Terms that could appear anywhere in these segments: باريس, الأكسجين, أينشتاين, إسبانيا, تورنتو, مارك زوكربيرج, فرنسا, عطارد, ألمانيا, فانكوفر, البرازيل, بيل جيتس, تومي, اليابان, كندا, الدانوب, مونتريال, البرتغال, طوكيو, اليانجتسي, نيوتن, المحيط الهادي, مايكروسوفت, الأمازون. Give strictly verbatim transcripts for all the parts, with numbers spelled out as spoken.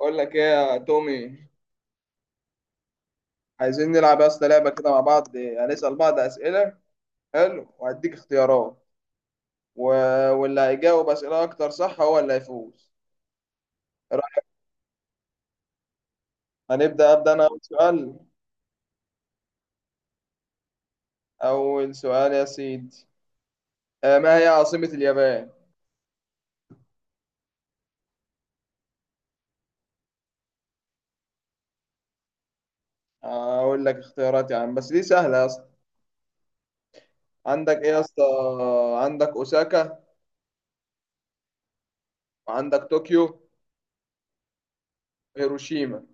بقول لك ايه يا تومي. عايزين نلعب يا اسطى لعبه كده مع بعض، هنسال بعض اسئله. حلو وهديك اختيارات. و... واللي هيجاوب اسئله اكتر صح هو اللي هيفوز. إيه رأيك؟ هنبدا ابدا انا اول سؤال. اول سؤال يا سيدي. آه، ما هي عاصمه اليابان؟ اقول لك اختيارات يا عم بس دي سهله يا اسطى. عندك ايه يا اسطى؟ عندك اوساكا، وعندك طوكيو، هيروشيما.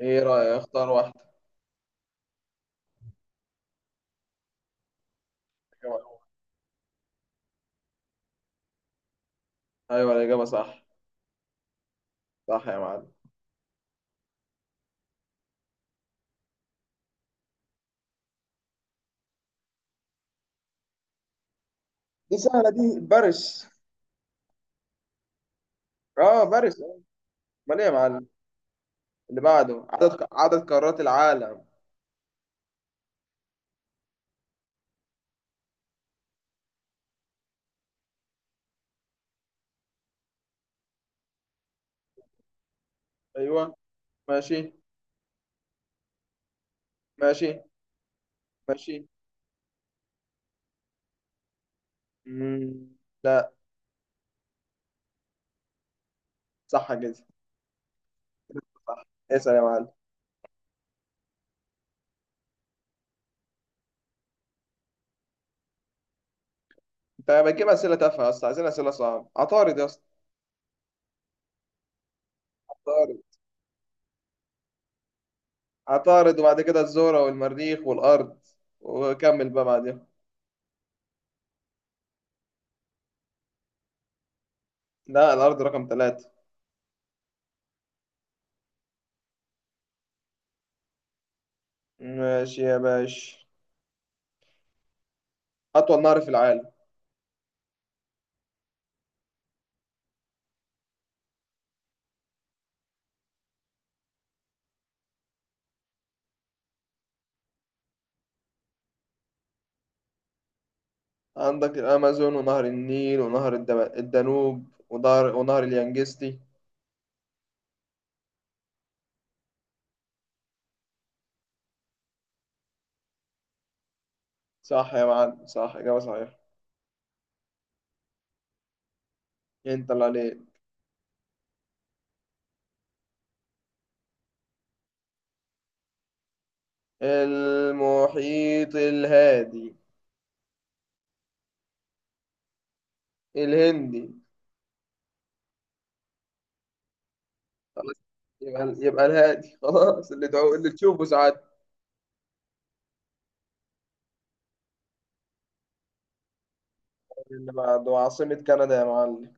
ايه رايك، اختار واحده. ايوه. أيوة، الاجابه صح. صح يا معلم. دي سهله دي. باريس. اه باريس آه. امال ايه يا معلم؟ اللي بعده، عدد عدد قارات العالم. ايوه. ماشي ماشي ماشي. مم. لا. صح كده. صح. اسال يا معلم. انت بتجيب اسئله تافهه اصلا، عايزين اسئله صعبه. عطارد يا اسطى. عطارد. عطارد وبعد كده الزهره والمريخ والارض. وكمل بقى بعدين. لا، الارض رقم ثلاثة. ماشي يا باشا. اطول نهر في العالم. عندك الامازون ونهر النيل ونهر الدب- الدانوب ونهر ونهر اليانجستي. صح يا معلم، صح، إجابة صحيحة. انت اللي عليك. المحيط الهادي. الهندي. خلاص. يبقى يبقى الهادي خلاص، اللي تعو... اللي تشوفه ساعات. اللي بعده عاصمة كندا يا معلم.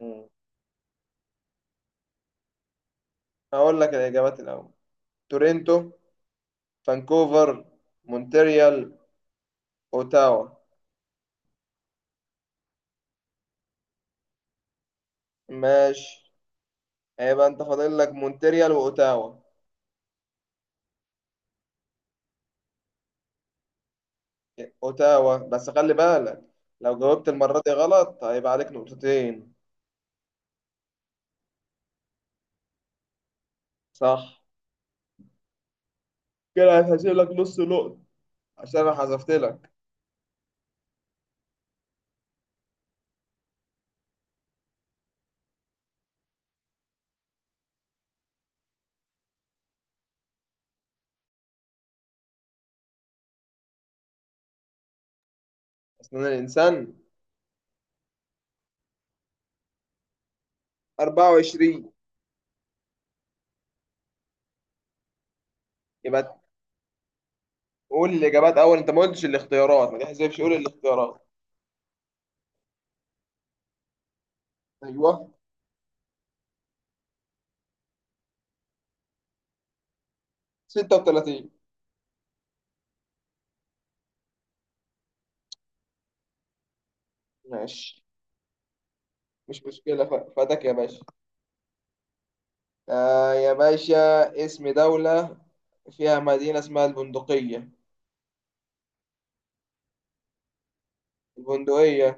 مم. هقول لك الإجابات الأول. تورنتو، فانكوفر، مونتريال، أوتاوا. ماشي. هيبقى أنت فاضل لك مونتريال وأوتاوا. أوتاوا، بس خلي بالك، لو جاوبت المرة دي غلط هيبقى عليك نقطتين. صح، كده هتحسب لك نص نقطة عشان أنا حذفت لك. اصلا الانسان. أربعة وعشرين. يبقى قول الاجابات اول، انت ما قلتش الاختيارات ما تحسبش، قول الاختيارات. ايوه. ستة وثلاثين. ماشي. مش مشكله، ف- فاتك يا باشا. آه يا باشا، اسم دوله فيها مدينه اسمها البندقيه. البندقيه.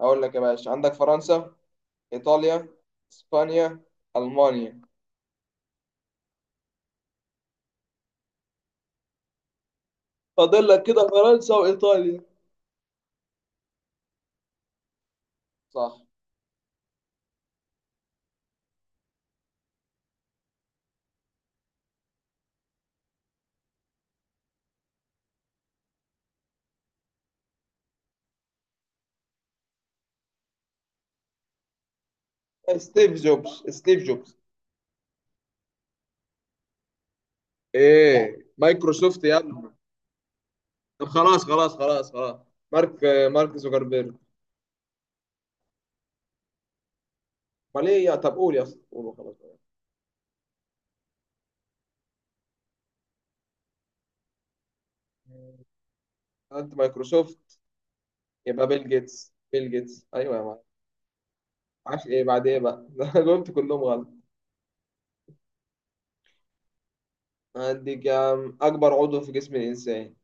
اقول لك يا باشا، عندك فرنسا، ايطاليا، اسبانيا، المانيا. فاضل لك كده فرنسا وايطاليا. صح. ستيف جوبز ستيف جوبز. ايه، مايكروسوفت يا ابني. طب خلاص خلاص خلاص خلاص. مارك. مارك زوكربيرج. امال ايه، يا طب قول يا اسطى، قول وخلاص. انت مايكروسوفت. يبقى بيل جيتس بيل جيتس، ايوه يا معلم. معرفش ايه بعد ايه بقى ده أنا جاوبت كلهم غلط. عندك يا عم، اكبر عضو في جسم الانسان.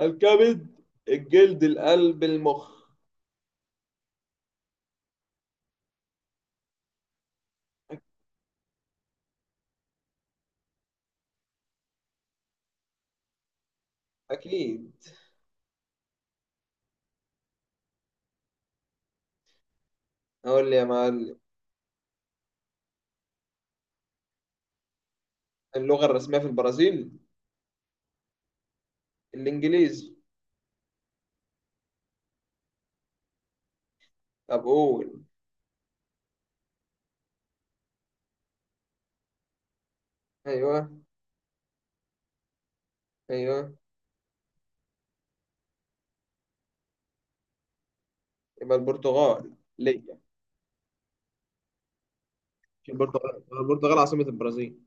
الكبد، الجلد، القلب، المخ. اكيد. اقول لي يا معلم. اللغة الرسمية في البرازيل. الانجليزي. طب قول. ايوه. ايوه. يبقى البرتغال ليا. مش البرتغال، البرتغال عاصمة البرازيل.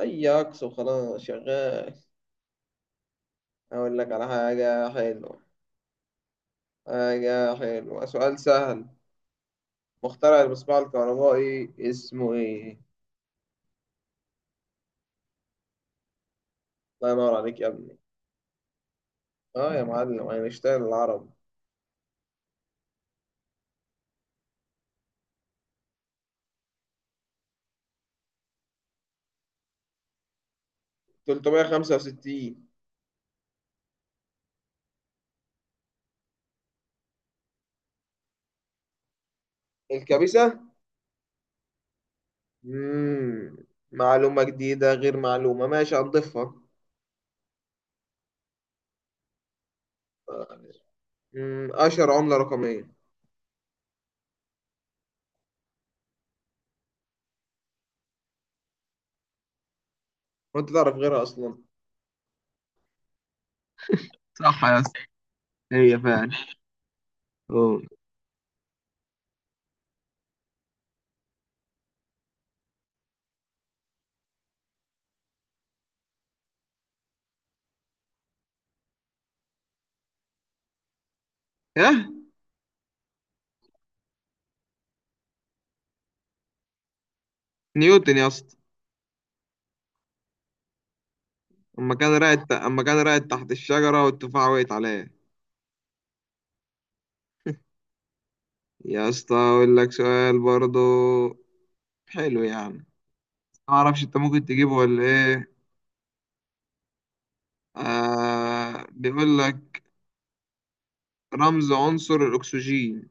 اي عكس وخلاص شغال. اقول لك على حاجة حلوة. حاجة حلوة سؤال سهل. مخترع المصباح الكهربائي اسمه ايه؟ الله ينور عليك يا ابني. اه يا معلم، اينشتاين العرب. ثلاثمية وخمسة وستين. الكبسة. مم. معلومة جديدة غير معلومة، ماشي هنضيفها. مم. اشهر عملة رقمية. وانت تعرف غيرها اصلا؟ صح يا اسطى. هي فعلا. اه. ايه. نيوتن يا اسطى. اما كان راقد اما كان راقد تحت الشجرة والتفاحة وقعت عليه. يا اسطى، اقول لك سؤال برضو. حلو يعني. ما اعرفش انت ممكن تجيبه ولا ايه. آه بيقول لك، رمز عنصر الاكسجين.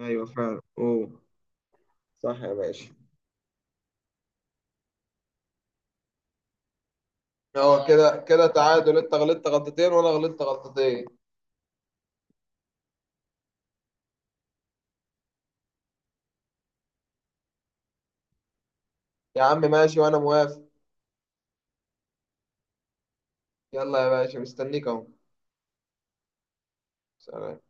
ايوه فعلا، اوه. صح يا باشا. هو كده كده تعادل، انت غلطت غلطتين وانا غلطت غلطتين. يا عم ماشي، وانا موافق. يلا يا باشا، مستنيك اهو. سلام.